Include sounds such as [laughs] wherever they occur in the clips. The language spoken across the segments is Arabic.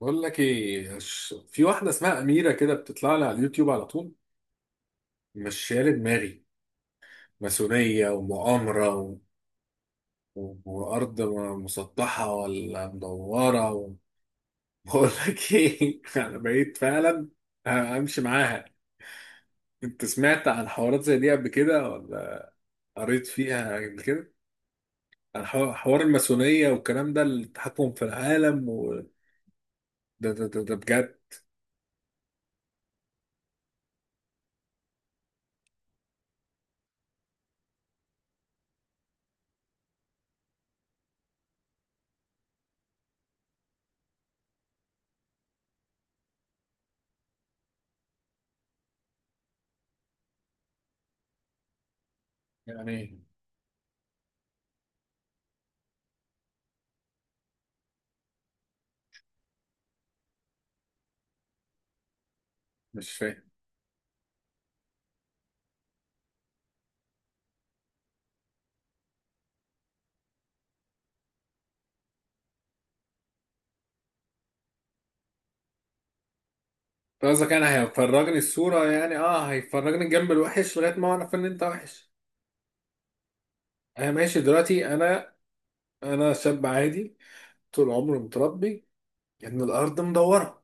بقول لك ايه في واحده اسمها اميره كده بتطلع لي على اليوتيوب على طول. مش شايله دماغي. ماسونيه ومؤامره وارض مسطحه ولا مدوره [laughs] بقول لك ايه [laughs] انا بقيت فعلا امشي معاها. انت سمعت عن حوارات زي دي قبل كده ولا قريت فيها قبل كده؟ عن حوار الماسونيه والكلام ده, التحكم في العالم ده بجد. يعني مش فاهم قصدك. انا هيفرجني الصورة يعني اه, هيفرجني الجنب الوحش لغاية ما اعرف ان انت وحش. انا ماشي دلوقتي, انا شاب عادي, طول عمري متربي ان الارض مدورة.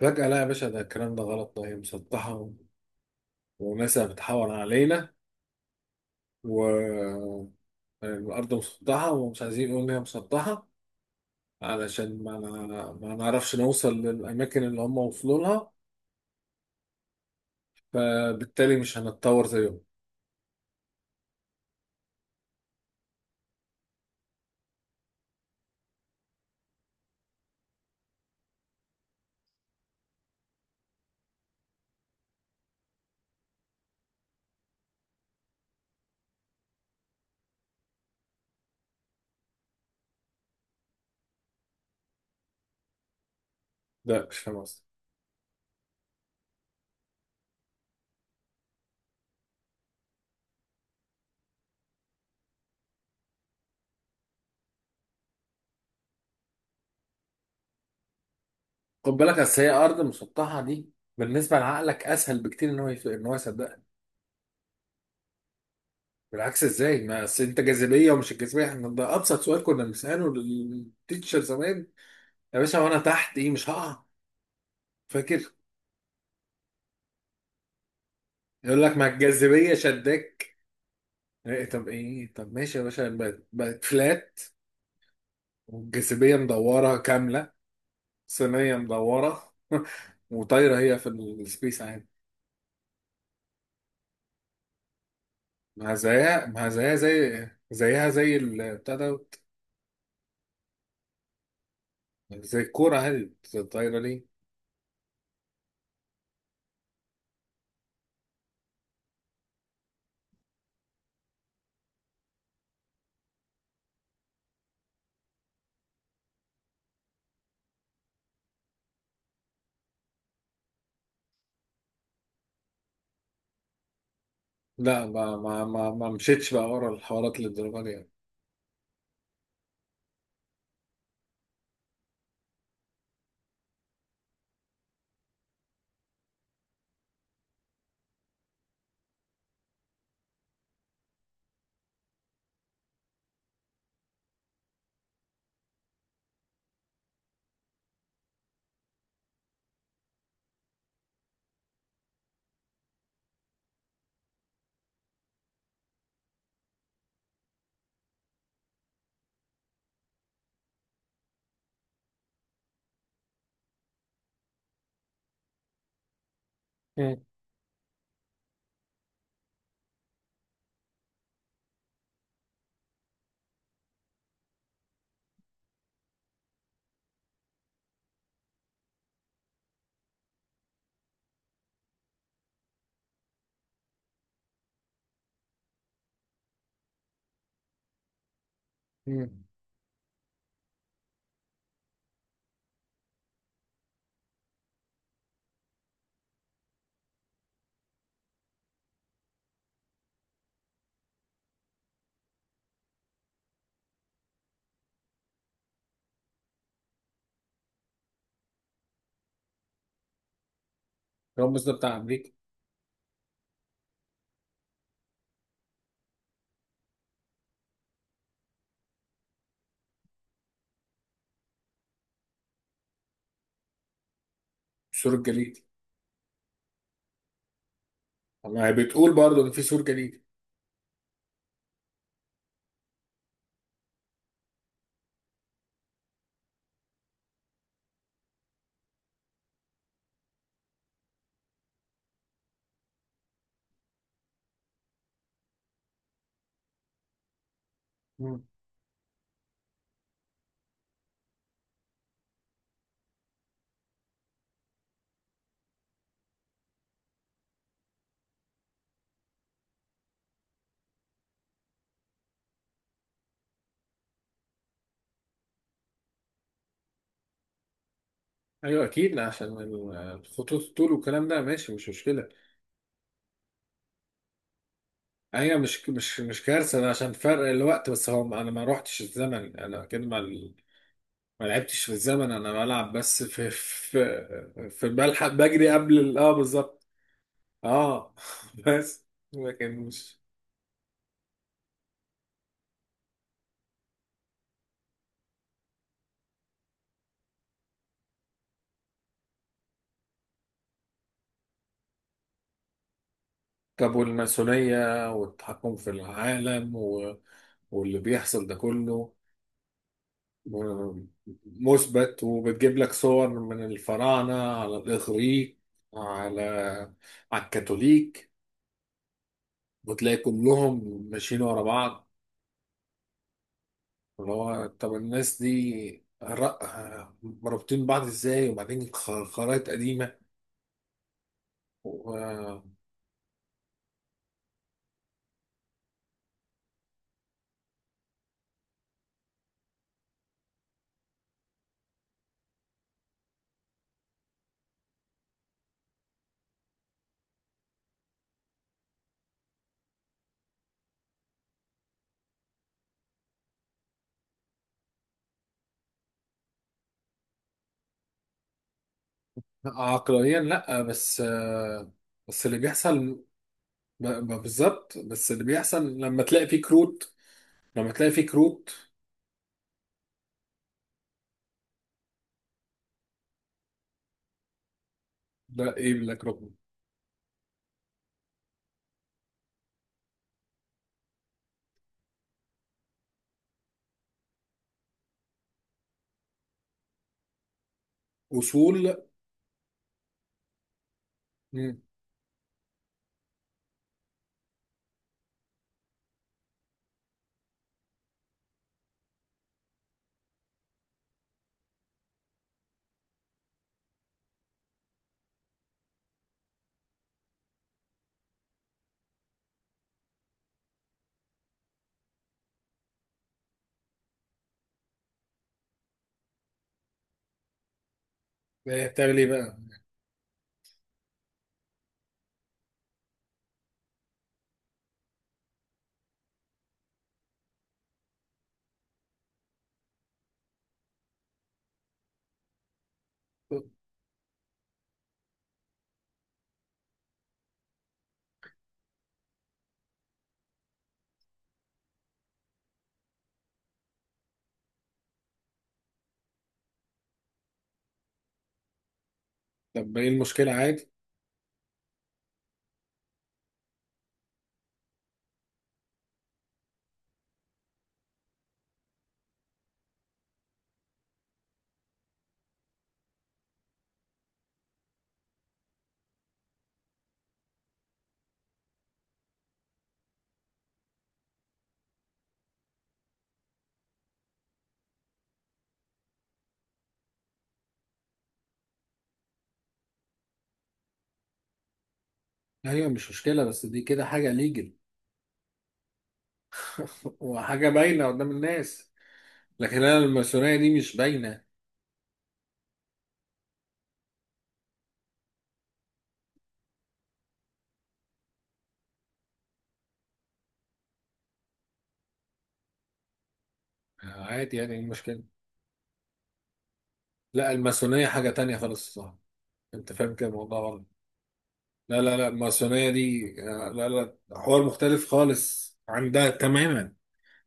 فجأة لا يا باشا, ده الكلام ده غلط, ده هي مسطحة وناس بتحور علينا, والارض مسطحة ومش عايزين يقولوا ان هي مسطحة علشان ما نعرفش نوصل للاماكن اللي هم وصلوا لها, فبالتالي مش هنتطور زيهم. ده مش فاهم قصدي. خد بالك, اصل هي ارض مسطحه دي بالنسبه لعقلك اسهل بكتير ان هو ان هو يصدقها. بالعكس ازاي؟ ما اصل انت جاذبيه ومش الجاذبيه احنا, ده ابسط سؤال كنا بنساله للتيتشر زمان, يا باشا وانا تحت ايه مش هقع؟ فاكر؟ يقول لك ما الجاذبيه شداك. إيه؟ طب ايه؟ طب ماشي يا باشا, بقت فلات, والجاذبيه مدوره كامله, صينيه مدوره [laughs] وطايره هي في السبيس عادي. ما زيها ما زيها زي زيها زي البتاع ده, زي الكورة هادي. طايرة ليه؟ لا ما مشيتش بقى ورا الحوارات للدرجة دي يعني. مم. مم. راموس ده بتاع أمريكا. السور الجليدي. ما هي بتقول برضه إن في سور جليدي. مم. أيوه أكيد, لا عشان الخطوط الطول والكلام ده ماشي, مش مشكلة. أيوه, مش كارثة, ده عشان فرق الوقت بس, هو أنا ما روحتش الزمن, أنا كده ما ما لعبتش في الزمن, أنا بلعب بس في بلحق بجري قبل أه بالظبط. أه [laughs] بس لكن مش. طب والماسونية والتحكم في العالم واللي بيحصل ده كله, م- مثبت, وبتجيب لك صور من الفراعنة على الإغريق, على على الكاثوليك, وتلاقي كلهم ماشيين ورا بعض, اللي هو طب الناس دي مربوطين بعض ازاي؟ وبعدين خرايط قديمة و- عقلانيا لا, بس بس اللي بيحصل, بالظبط, بس اللي بيحصل لما تلاقي فيه كروت, لما تلاقي فيك روت. لا ايه لك ركن. اصول. مم. إيه بتعمل ايه بقى؟ طب ايه المشكله؟ عادي. ايوه مش مشكله, بس دي كده حاجه ليجل [laughs] وحاجه باينه قدام الناس. لكن انا الماسونيه دي مش باينه. عادي, يعني ايه المشكله؟ لا الماسونيه حاجه تانية خالص, صح؟ انت فاهم كده الموضوع غلط. لا لا لا, الماسونيه دي آه، لا لا, حوار مختلف خالص عن ده تماما.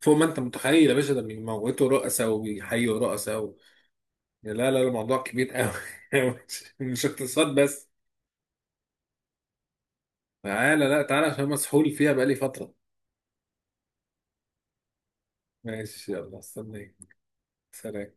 فوق ما انت متخيل يا باشا, ده بيموتوا رؤساء وبيحيوا رؤساء. لا لا لا الموضوع كبير قوي. [laughs] مش مش اقتصاد بس. تعالى, لا تعالى عشان مسحول فيها بقالي فترة. ماشي, يلا استنيك. سلام.